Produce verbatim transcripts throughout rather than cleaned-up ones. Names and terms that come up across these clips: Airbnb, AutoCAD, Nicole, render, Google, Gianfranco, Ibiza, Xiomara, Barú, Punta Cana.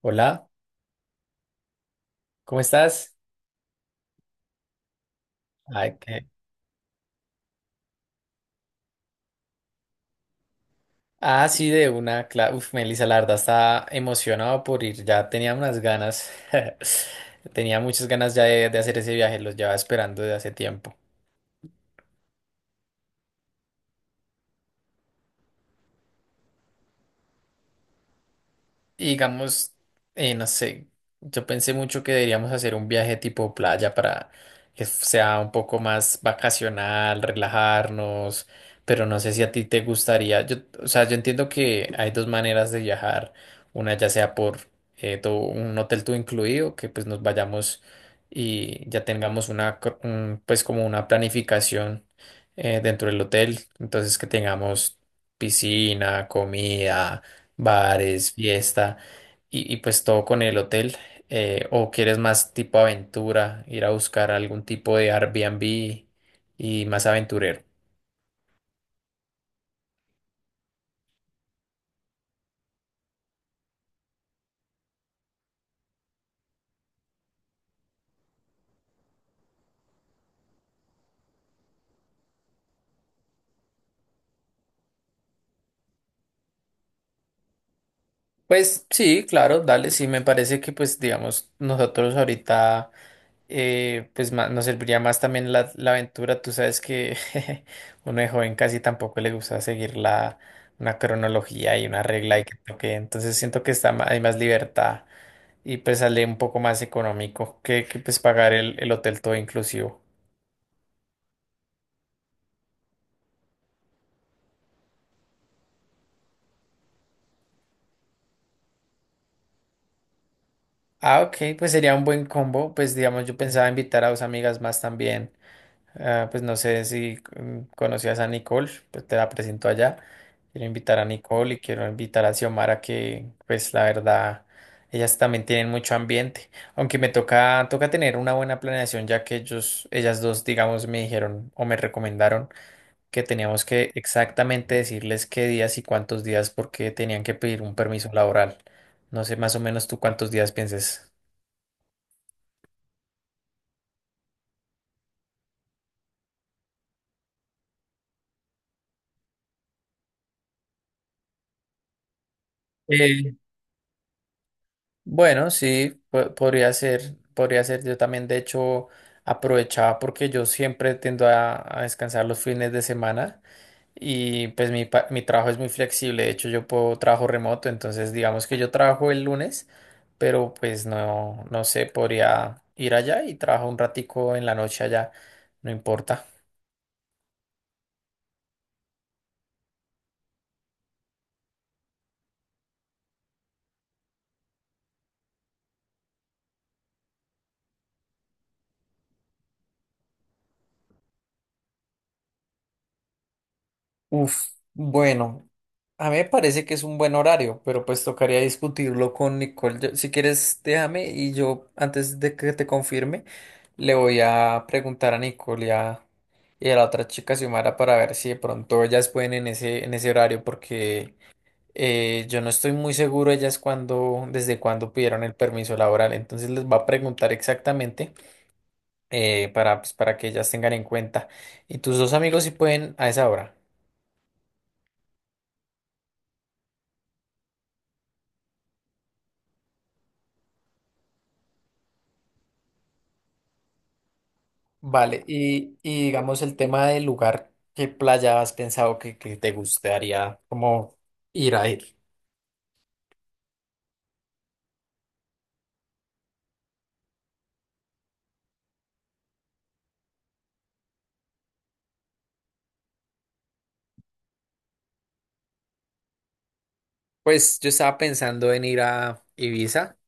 Hola, ¿cómo estás? Ay, qué- Ah, sí, de una clase. Uf, Melissa, la verdad está emocionado por ir. Ya tenía unas ganas. Tenía muchas ganas ya de, de hacer ese viaje. Los llevaba esperando de hace tiempo. Y digamos, eh, no sé, yo pensé mucho que deberíamos hacer un viaje tipo playa para que sea un poco más vacacional, relajarnos, pero no sé si a ti te gustaría, yo, o sea, yo entiendo que hay dos maneras de viajar, una ya sea por eh, todo un hotel todo incluido, que pues nos vayamos y ya tengamos una, cr- un, pues como una planificación eh, dentro del hotel, entonces que tengamos piscina, comida, bares, fiesta y, y pues todo con el hotel. Eh, o quieres más tipo aventura, ir a buscar algún tipo de Airbnb y más aventurero. Pues sí, claro, dale, sí, me parece que pues digamos nosotros ahorita eh, pues ma- nos serviría más también la, la aventura, tú sabes que uno de joven casi tampoco le gusta seguir la, una cronología y una regla y que toque, entonces siento que está ma- hay más libertad. Y pues sale un poco más económico que, que, pues pagar el, el hotel todo inclusivo. Ah, ok, pues sería un buen combo. Pues digamos, yo pensaba invitar a dos amigas más también. Ah, pues no sé si mm, conocías a Nicole, pues te la presento allá. Quiero invitar a Nicole y quiero invitar a Xiomara que pues la verdad, ellas también tienen mucho ambiente. Aunque me toca, toca tener una buena planeación ya que ellos, ellas dos, digamos, me dijeron o me recomendaron que teníamos que exactamente decirles qué días y cuántos días porque tenían que pedir un permiso laboral. No sé más o menos tú cuántos días pienses. Eh, bueno, sí, po- podría ser, podría ser. Yo también, de hecho, aprovechaba porque yo siempre tiendo a, a descansar los fines de semana y pues mi, pa- mi trabajo es muy flexible. De hecho, yo puedo trabajo remoto, entonces digamos que yo trabajo el lunes, pero pues no, no sé, podría ir allá y trabajo un ratico en la noche allá, no importa. Uf, bueno, a mí me parece que es un buen horario, pero pues tocaría discutirlo con Nicole. Yo- si quieres, déjame y yo, antes de que te confirme, le voy a preguntar a Nicole y a, y a la otra chica Xiomara para ver si de pronto ellas pueden en ese, en ese horario, porque eh, yo no estoy muy seguro ellas cuando, desde cuándo pidieron el permiso laboral. Entonces les va a preguntar exactamente eh, para, pues, para que ellas tengan en cuenta. Y tus dos amigos si pueden a esa hora. Vale, y, y digamos el tema del lugar, ¿qué playa has pensado que, que te gustaría como ir a ir? Pues yo estaba pensando en ir a Ibiza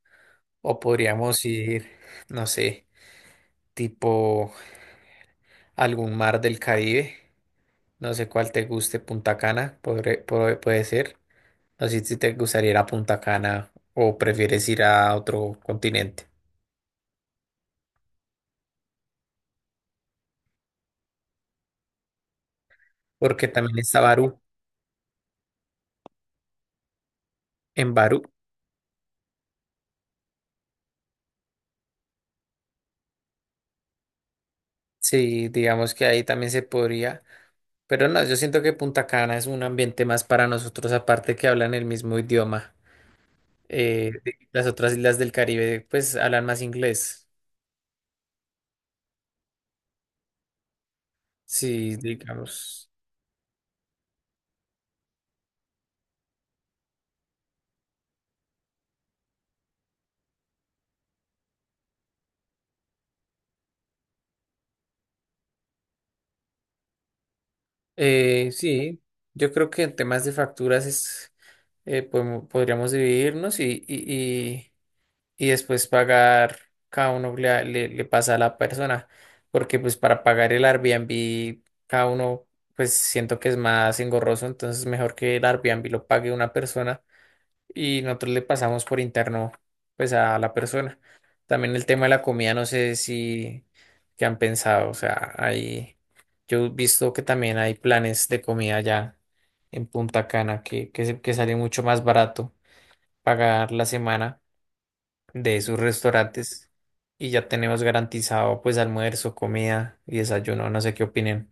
o podríamos ir, no sé, tipo algún mar del Caribe, no sé cuál te guste, Punta Cana, podré- podré- puede ser. No sé si te gustaría ir a Punta Cana o prefieres ir a otro continente, porque también está Barú, en Barú, sí, digamos que ahí también se podría. Pero no, yo siento que Punta Cana es un ambiente más para nosotros, aparte que hablan el mismo idioma. Eh, de- las otras islas del Caribe, pues, hablan más inglés. Sí, digamos. Eh, sí, yo creo que en temas de facturas es, eh, podemo- podríamos dividirnos y, y, y, y después pagar, cada uno le, le, le pasa a la persona, porque pues para pagar el Airbnb, cada uno, pues siento que es más engorroso, entonces mejor que el Airbnb lo pague una persona y nosotros le pasamos por interno pues a la persona. También el tema de la comida, no sé si qué han pensado, o sea, hay, yo he visto que también hay planes de comida ya en Punta Cana que, que, se- que sale mucho más barato pagar la semana de esos restaurantes y ya tenemos garantizado pues almuerzo, comida y desayuno, no sé qué opinen.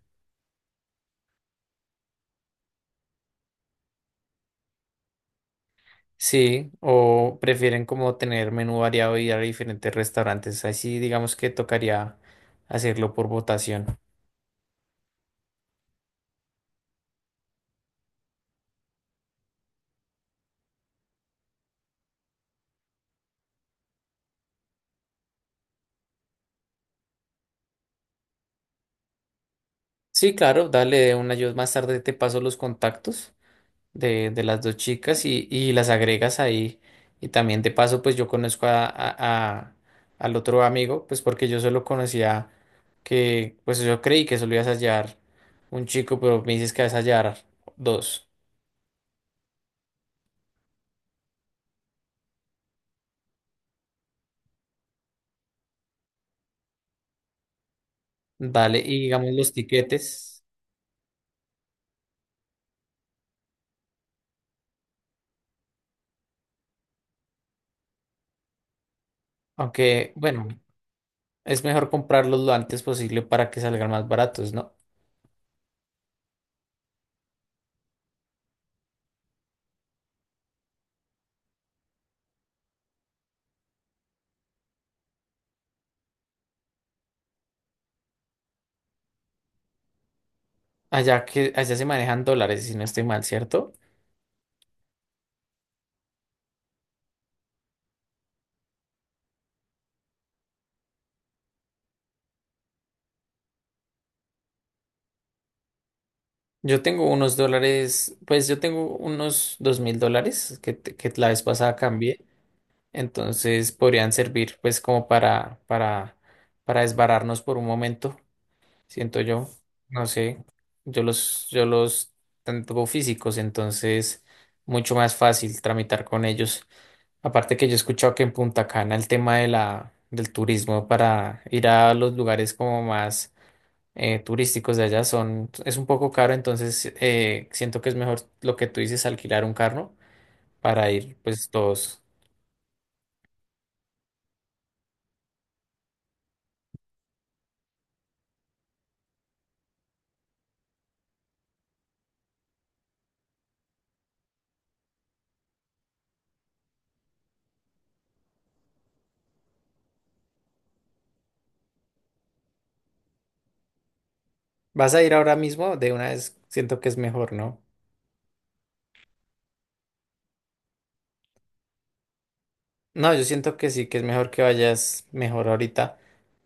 Sí, o prefieren como tener menú variado y ir a diferentes restaurantes. Así digamos que tocaría hacerlo por votación. Sí, claro, dale una. Yo más tarde te paso los contactos de, de las dos chicas y, y las agregas ahí. Y también te paso, pues yo conozco a, a- a- al otro amigo, pues porque yo solo conocía que, pues yo creí que solo ibas a hallar un chico, pero me dices que vas a hallar dos. Dale, y digamos los tiquetes. Aunque, bueno. Es mejor comprarlos lo antes posible para que salgan más baratos, ¿no? Allá que allá se manejan dólares, si no estoy mal, ¿cierto? Yo tengo unos dólares, pues yo tengo unos dos mil dólares que, te- que la vez pasada cambié, entonces podrían servir pues como para, para, para desbararnos por un momento. Siento yo. No sé, yo los, yo los tanto físicos, entonces mucho más fácil tramitar con ellos. Aparte que yo he escuchado que en Punta Cana el tema de la, del turismo para ir a los lugares como más eh, turísticos de allá son, es un poco caro, entonces eh, siento que es mejor lo que tú dices, alquilar un carro para ir pues todos. Vas a ir ahora mismo, de una vez siento que es mejor, ¿no? No, yo siento que sí, que es mejor que vayas mejor ahorita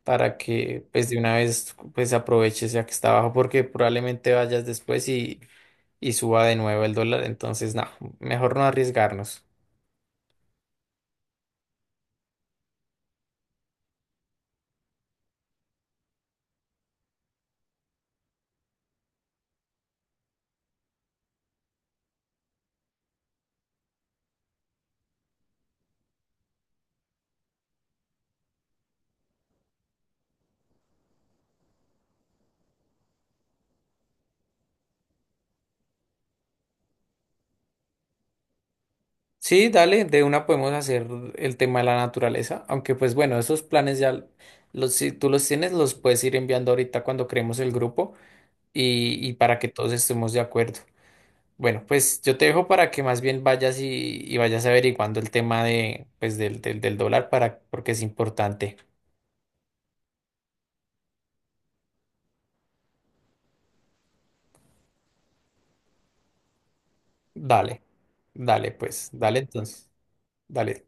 para que pues de una vez pues aproveches ya que está abajo porque probablemente vayas después y, y suba de nuevo el dólar, entonces no, mejor no arriesgarnos. Sí, dale, de una podemos hacer el tema de la naturaleza, aunque pues bueno, esos planes ya los, si tú los tienes los puedes ir enviando ahorita cuando creemos el grupo y, y para que todos estemos de acuerdo. Bueno, pues yo te dejo para que más bien vayas y, y vayas averiguando el tema de, pues, del, del, del dólar para, porque es importante. Dale, dale, pues, dale entonces, dale.